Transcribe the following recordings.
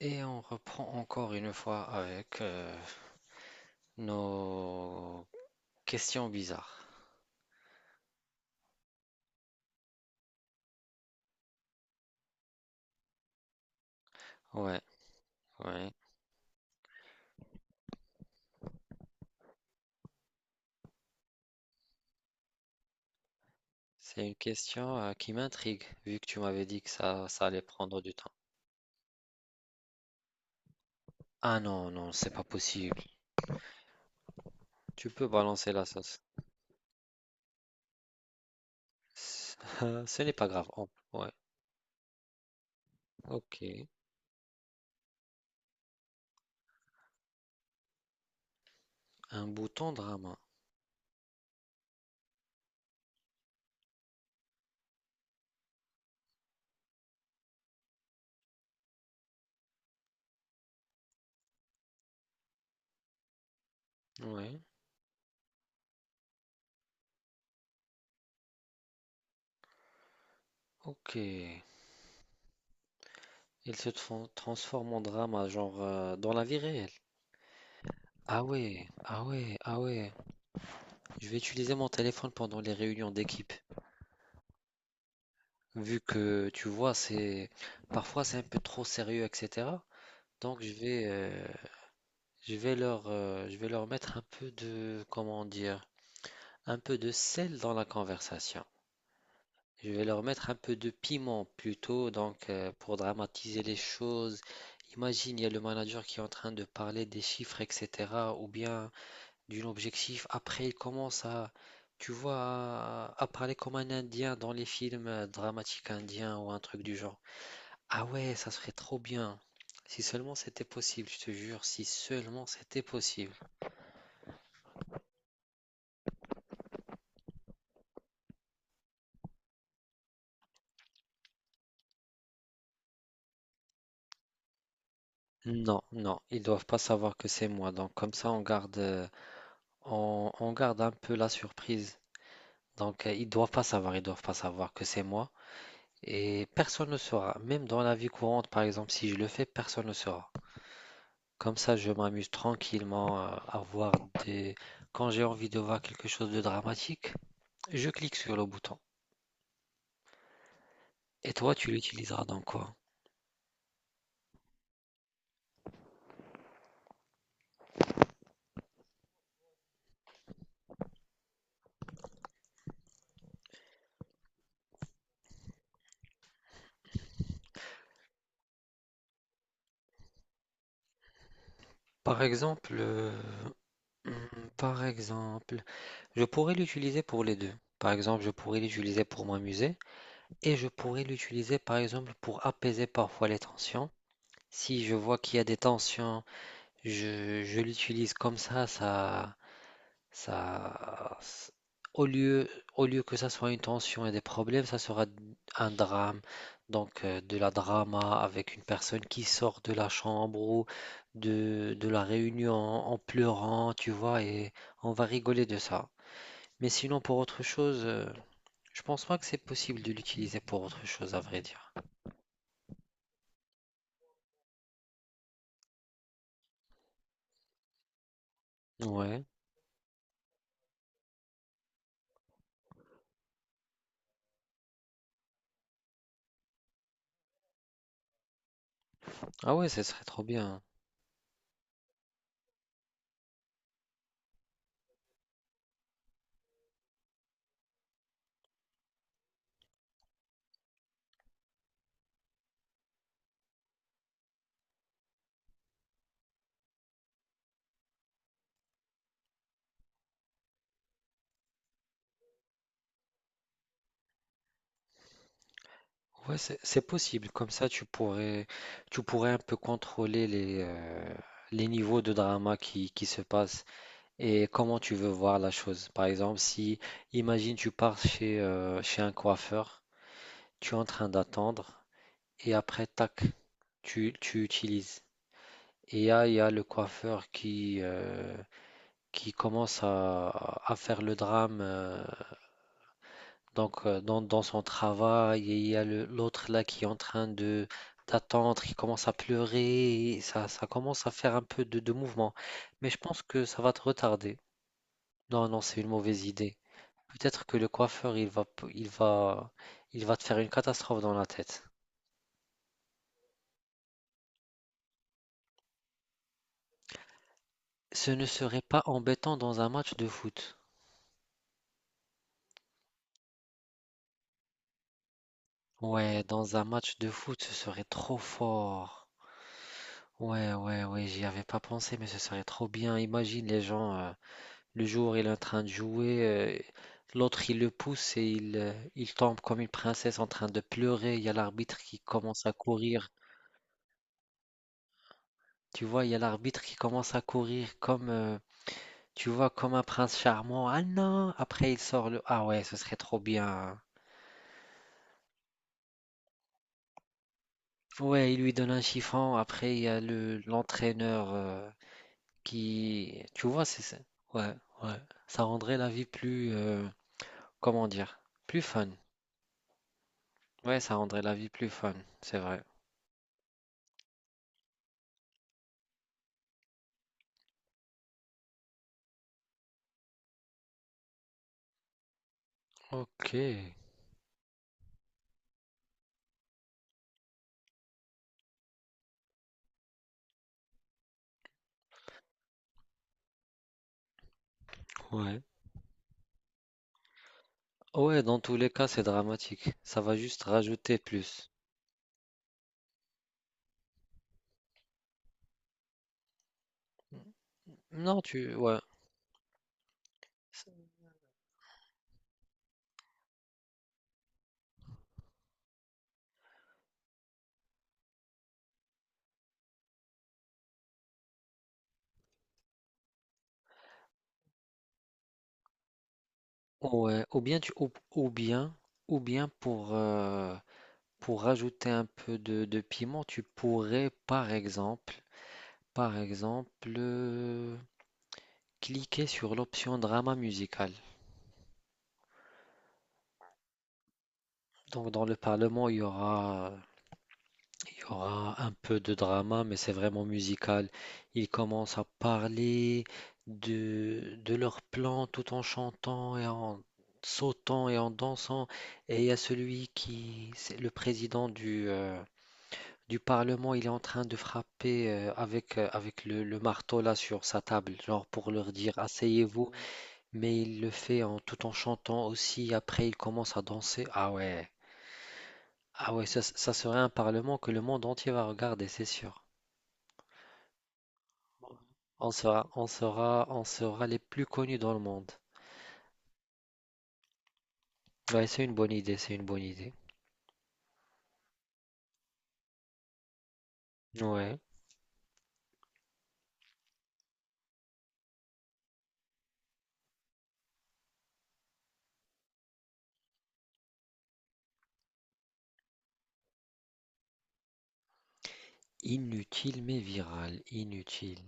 Et on reprend encore une fois avec nos questions bizarres. Ouais, ouais. C'est une question qui m'intrigue, vu que tu m'avais dit que ça allait prendre du temps. Ah non, non, c'est pas possible. Tu peux balancer la sauce. C- Ce n'est pas grave. Ouais, ok. Un bouton drama. Ouais, ok. Il se transforme en drama, genre dans la vie réelle. Ah ouais, ah ouais, ah ouais. Je vais utiliser mon téléphone pendant les réunions d'équipe. Vu que tu vois, c'est parfois c'est un peu trop sérieux, etc. Donc je vais leur je vais leur mettre un peu de, comment dire, un peu de sel dans la conversation. Je vais leur mettre un peu de piment plutôt, donc pour dramatiser les choses. Imagine, il y a le manager qui est en train de parler des chiffres, etc., ou bien d'un objectif. Après, tu vois, à parler comme un Indien dans les films dramatiques indiens ou un truc du genre. Ah ouais, ça serait trop bien. Si seulement c'était possible, je te jure, si seulement c'était possible. Non, non, ils doivent pas savoir que c'est moi. Donc comme ça, on garde un peu la surprise. Donc ils doivent pas savoir, ils doivent pas savoir que c'est moi. Et personne ne saura. Même dans la vie courante, par exemple, si je le fais, personne ne saura. Comme ça, je m'amuse tranquillement à voir des... Quand j'ai envie de voir quelque chose de dramatique, je clique sur le bouton. Et toi, tu l'utiliseras dans quoi? Par exemple, mmh, par exemple, je pourrais l'utiliser pour les 2. Par exemple, je pourrais l'utiliser pour m'amuser et je pourrais l'utiliser, par exemple, pour apaiser parfois les tensions. Si je vois qu'il y a des tensions, je l'utilise comme ça, ça, au lieu, au lieu que ça soit une tension et des problèmes, ça sera un drame. Donc, de la drama avec une personne qui sort de la chambre ou de la réunion en pleurant, tu vois, et on va rigoler de ça. Mais sinon, pour autre chose, je pense pas que c'est possible de l'utiliser pour autre chose, à vrai dire. Ouais. Ah ouais, ce serait trop bien. Ouais, c'est possible. Comme ça, tu pourrais un peu contrôler les niveaux de drama qui se passent et comment tu veux voir la chose. Par exemple, si, imagine, tu pars chez un coiffeur, tu es en train d'attendre et après, tac, tu utilises. Et là, il y a le coiffeur qui qui commence à faire le drame. Donc, dans, dans son travail, il y a le- l'autre là qui est en train de d'attendre, qui commence à pleurer, et ça commence à faire un peu de mouvement. Mais je pense que ça va te retarder. Non, non, c'est une mauvaise idée. Peut-être que le coiffeur, il va, p- il va te faire une catastrophe dans la tête. Ce ne serait pas embêtant dans un match de foot. Ouais, dans un match de foot, ce serait trop fort. Ouais, ouais, ouais, j'y avais pas pensé, mais ce serait trop bien. Imagine les gens. Le jour, il est en train de jouer, l'autre, il le pousse et il tombe comme une princesse en train de pleurer. Il y a l'arbitre qui commence à courir. Tu vois, il y a l'arbitre qui commence à courir comme tu vois, comme un prince charmant. Ah non! Après, il sort le... Ah ouais, ce serait trop bien, hein. Ouais, il lui donne un chiffon. Après, il y a l'entraîneur, qui... Ouais, ouais. Ça rendrait la vie plus... comment dire? Plus fun. Ouais, ça rendrait la vie plus fun, c'est vrai. Ok, ouais. Ouais, dans tous les cas, c'est dramatique. Ça va juste rajouter plus. Non, tu, ouais, C'est- ouais. Ou bien tu, ou bien pour rajouter un peu de piment, tu pourrais, par exemple, par exemple, euh, cliquer sur l'option drama musical. Donc dans le Parlement, il y aura il y aura un peu de drama, mais c'est vraiment musical. Ils commencent à parler de leur plan tout en chantant et en sautant et en dansant. Et il y a celui qui, c'est le président du Parlement, il est en train de frapper avec, avec le marteau là sur sa table, genre pour leur dire asseyez-vous. Mais il le fait en, tout en chantant aussi. Après, il commence à danser. Ah ouais, ah ouais, ça ça serait un parlement que le monde entier va regarder, c'est sûr. On sera, on sera, on sera les plus connus dans le monde. Ouais, c'est une bonne idée, c'est une bonne idée. Ouais. Inutile mais virale, inutile.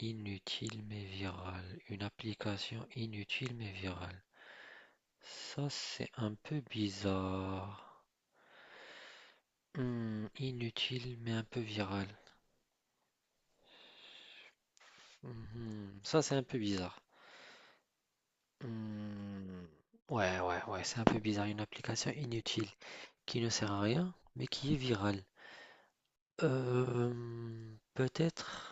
Inutile mais virale. Une application inutile mais virale. Ça, c'est un peu bizarre. Hmm, inutile mais un peu virale. Mhm, ça, c'est un peu bizarre. Hmm, ouais, ouais, ouais, c'est un peu bizarre. Une application inutile qui ne sert à rien mais qui est virale. Euh, peut-être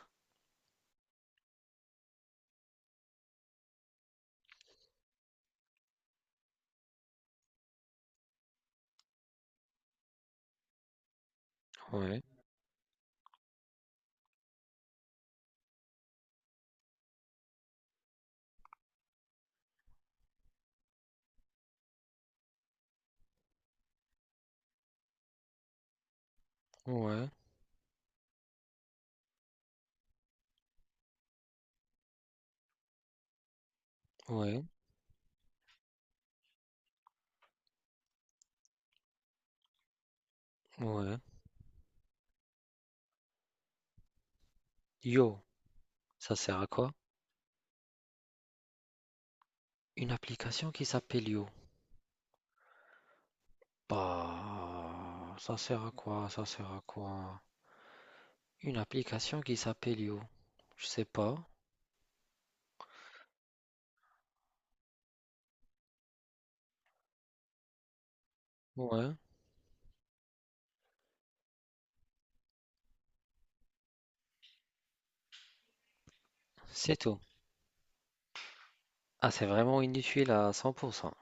ouais, ouais, ouais, ouais. Yo, ça sert à quoi? Une application qui s'appelle Yo. Bah, ça sert à quoi? Ça sert à quoi? Une application qui s'appelle Yo. Je sais pas. Ouais, c'est tout. Ah, c'est vraiment inutile à 100%.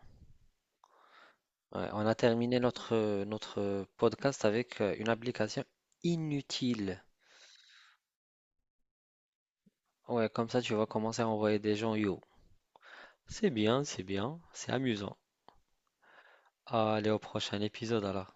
Ouais, on a terminé notre podcast avec une application inutile. Ouais, comme ça, tu vas commencer à envoyer des gens Yo. C'est bien, c'est bien, c'est amusant. Allez, au prochain épisode alors.